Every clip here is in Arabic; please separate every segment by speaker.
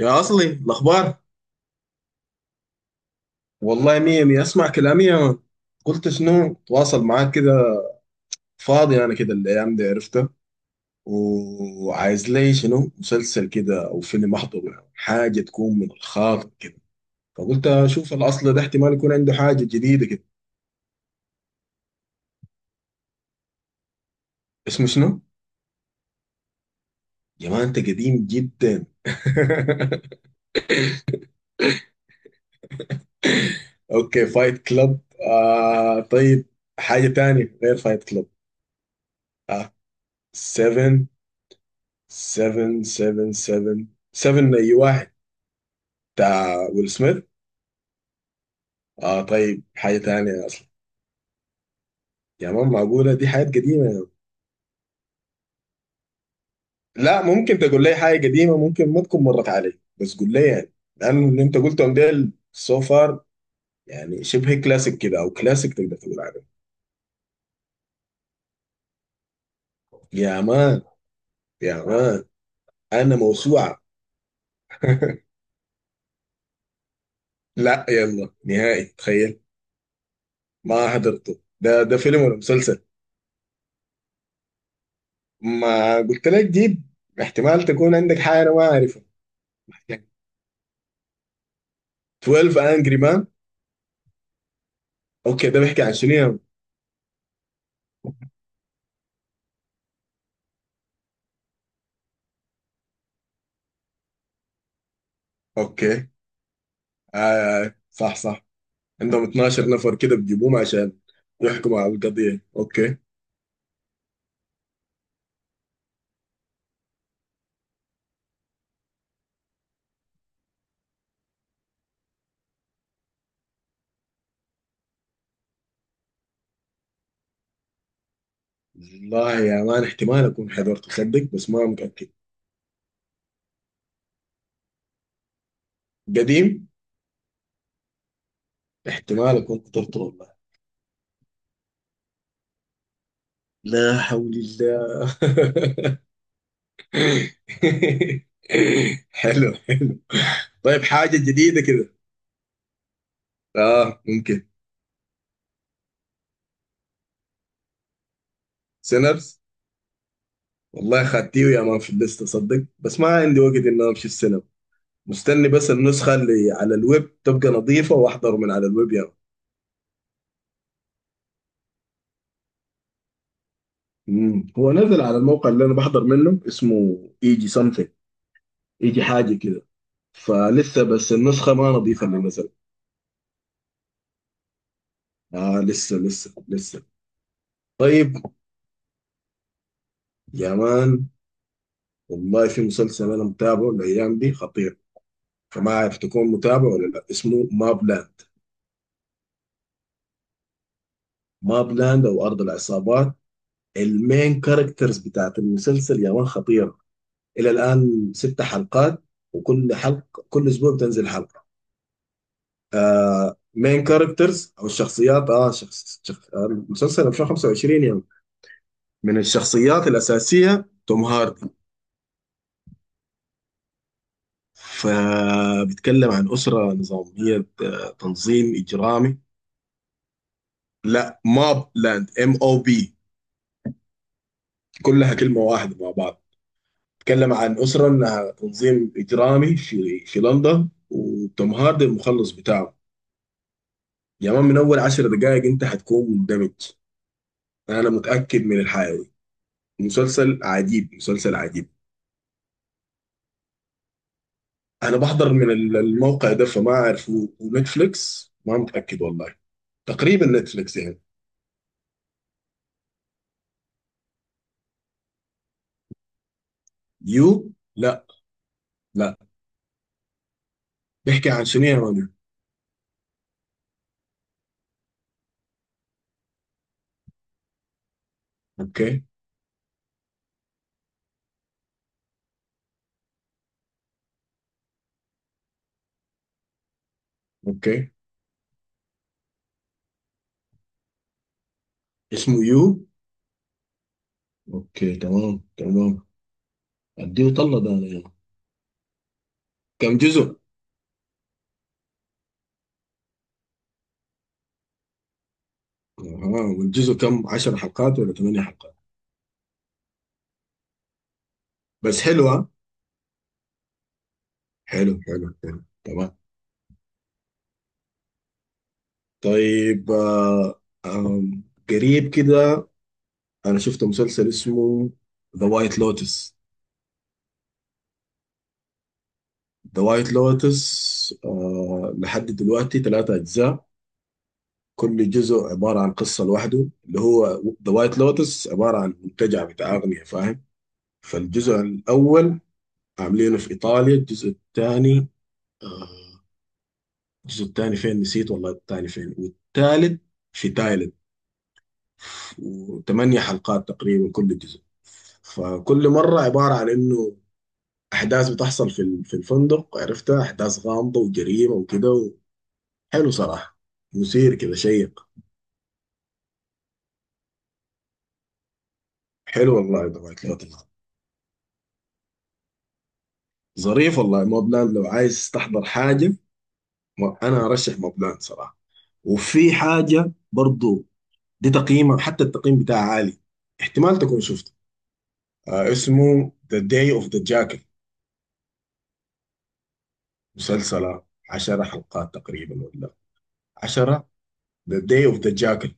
Speaker 1: يا أصلي الأخبار والله مية مية. أسمع كلامي يا مان، قلت شنو؟ تواصل معاك كده. فاضي أنا كده الأيام دي، عرفتها، وعايز لي شنو، مسلسل كده أو فيلم أحضره، يعني حاجة تكون من الخاطر كده. فقلت أشوف الأصل ده، احتمال يكون عنده حاجة جديدة كده. اسمه شنو؟ يا مان أنت قديم جدا. أوكي، فايت كلاب. آه طيب، حاجة تانية غير فايت كلاب. آه، 7، سفن سفن سفن سفن اي واحد، بتاع ويل سميث. اه طيب، حاجه تانية اصلا. يا مان، معقوله؟ دي حاجات قديمه يا مان. لا، ممكن تقول لي حاجه قديمه ممكن ما تكون مرت علي، بس قول لي، يعني، لانه اللي انت قلتهم ديل سو فار يعني شبه كلاسيك كده او كلاسيك تقدر تقول عليه. يا مان، يا مان، انا موسوعه. لا، يلا، نهائي، تخيل، ما حضرته. ده فيلم ولا مسلسل؟ ما قلت لك جيب، احتمال تكون عندك حاجه انا ما اعرفها. 12 انجري مان. اوكي، ده بيحكي عن شنو اوكي. آه، صح صح. عندهم 12 نفر كده بيجيبوهم عشان يحكموا على القضية. اوكي. والله يا مان احتمال اكون حضرته صدق، بس ما متأكد. قديم. احتمال اكون حضرته والله. لا حول الله. حلو، حلو. طيب، حاجة جديدة كده. اه، ممكن. سينرز. والله خدتيه يا مان في الليستة صدق، بس ما عندي وقت اني امشي السينما. مستني بس النسخة اللي على الويب تبقى نظيفة واحضر من على الويب يعني. هو نزل على الموقع اللي انا بحضر منه، اسمه ايجي سمثينج، ايجي حاجة كده. فلسه، بس النسخة ما نظيفة اللي نزل. آه، لسه لسه لسه. طيب، يا مان، والله في مسلسل انا متابعه الايام دي خطير، فما عارف تكون متابع ولا لا. اسمه ماب لاند. ماب لاند او ارض العصابات. المين كاركترز بتاعت المسلسل يا مان خطيرة. الى الان ست حلقات، وكل حلقه كل اسبوع بتنزل حلقه. آه، مين كاركترز او الشخصيات، اه شخص شخ... آه، المسلسل 2025 يعني. من الشخصيات الاساسيه توم هاردي. فبيتكلم عن اسره نظاميه، تنظيم اجرامي. لا، ماب لاند، ام او بي، كلها كلمه واحده مع بعض. بيتكلم عن اسره انها تنظيم اجرامي في لندن، وتوم هاردي المخلص بتاعه. يا مان، من اول 10 دقائق انت حتكون مندمج، انا متاكد من الحيوي. مسلسل عجيب، مسلسل عجيب. انا بحضر من الموقع ده، فما اعرف، ونتفليكس ما متاكد والله. تقريبا نتفليكس يعني. يو؟ لا. لا. بيحكي عن شنو يا مان؟ اوكي. اوكي. اسمه يو. اوكي، تمام تمام. اديه طلة ده انا يعني. كم جزء؟ اها، والجزء كم، 10 حلقات ولا 8 حلقات؟ بس حلو ها. حلو حلو حلو، تمام. طيب، آه آم، قريب كده، انا شفت مسلسل اسمه ذا وايت لوتس. ذا وايت لوتس، لحد دلوقتي ثلاثة اجزاء. كل جزء عبارة عن قصة لوحده. اللي هو ذا وايت لوتس عبارة عن منتجع بتاع اغنية، فاهم؟ فالجزء الاول عاملينه في ايطاليا. الجزء الثاني، آه، فين نسيت والله، الثاني فين، والثالث في تايلاند. وثمانية حلقات تقريبا كل جزء. فكل مرة عبارة عن انه احداث بتحصل في الفندق، عرفتها، احداث غامضه وجريمه وكده حلو صراحه. مثير كده، شيق. حلو والله ذا وايت لوتس. ظريف والله موبلاند، لو عايز تحضر حاجه، انا ارشح موبلاند صراحه. وفي حاجه برضو، دي تقييمه، حتى التقييم بتاعها عالي، احتمال تكون شفته. آه، اسمه ذا داي اوف ذا جاكل. مسلسل، 10 حلقات تقريبا ولا 10، ذا داي اوف ذا جاكل،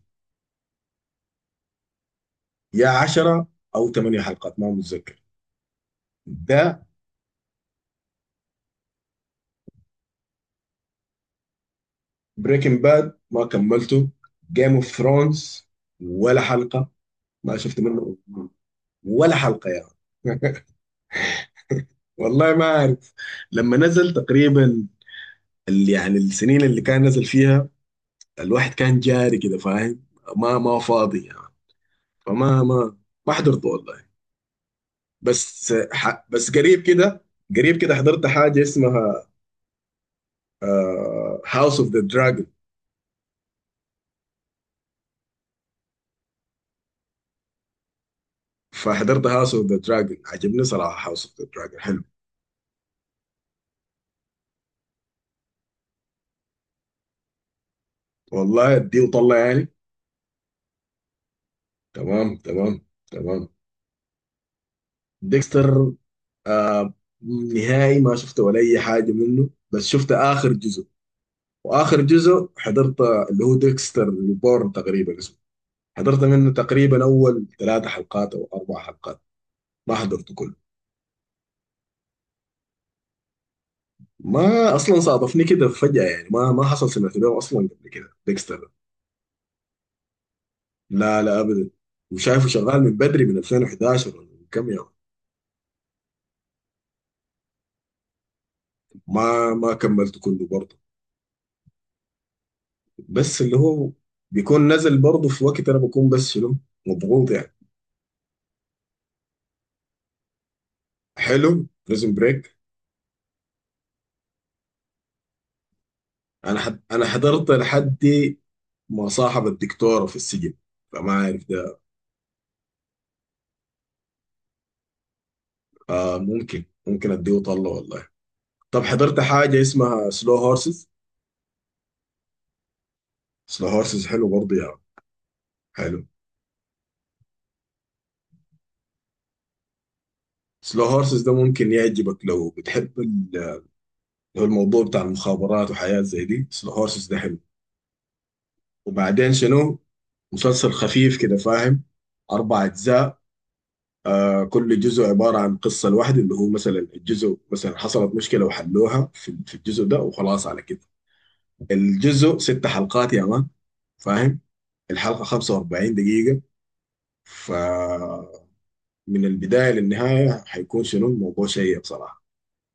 Speaker 1: يا 10 او 8 حلقات، ما متذكر ده. بريكنج باد ما كملته. جيم اوف ثرونز ولا حلقه ما شفت منه، ولا حلقه يا يعني. والله ما عارف، لما نزل تقريبا، يعني السنين اللي كان نزل فيها، الواحد كان جاري كده فاهم، ما فاضي يعني، فما ما ما حضرته والله. بس، قريب كده، قريب كده حضرت حاجه اسمها هاوس اوف ذا دراجون. فحضرت هاوس اوف ذا دراجون، عجبني صراحه. هاوس اوف ذا دراجون حلو والله. اديه وطلع يعني. تمام تمام تمام. ديكستر، آه نهائي ما شفت ولا اي حاجه منه، بس شفت اخر جزء، واخر جزء حضرت اللي هو ديكستر ريبورن تقريبا اسمه. حضرت منه تقريبا اول ثلاث حلقات او اربع حلقات، ما حضرته كله. ما اصلا صادفني كده فجاه يعني، ما حصل سمعت به اصلا قبل كده ديكستر ده. لا لا ابدا. وشايفه شغال من بدري، من 2011 ولا من كم يوم. ما كملته كله برضه، بس اللي هو بيكون نازل برضه في وقت انا بكون، بس شنو، مضغوط يعني. حلو بريزون بريك. انا حضرت لحد ما صاحب الدكتوره في السجن، فما عارف ده. آه، ممكن، ممكن اديه طله والله. طب حضرت حاجه اسمها سلو هورسز. سلو هورسز حلو برضه يعني. حلو. سلو هورسز ده ممكن يعجبك لو بتحب لو الموضوع بتاع المخابرات وحياة زي دي، سلو هورسز ده حلو. وبعدين شنو، مسلسل خفيف كده فاهم، أربع أجزاء. كل جزء عبارة عن قصة لوحده، اللي هو مثلا الجزء، مثلا حصلت مشكلة وحلوها في الجزء ده وخلاص على كده. الجزء ست حلقات يا مان، فاهم؟ الحلقة 45 دقيقة، فمن البداية للنهاية حيكون شنو الموضوع، شيق صراحة.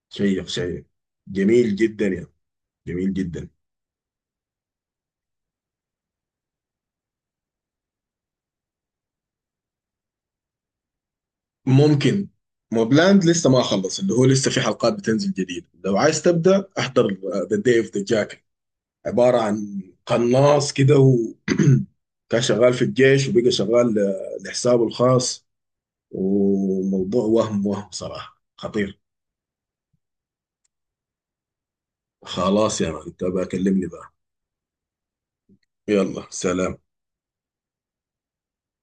Speaker 1: شيق شيق، جميل جدا يعني، جميل جدا. ممكن. موبلاند لسه ما خلص، اللي هو لسه في حلقات بتنزل جديد. لو عايز تبدأ احضر ذا داي اوف ذا جاك، عبارة عن قناص كده، و كان شغال في الجيش، وبقى شغال لحسابه الخاص، وموضوع، وهم صراحة خطير. خلاص يا مان، انت بكلمني بقى. يلا، سلام.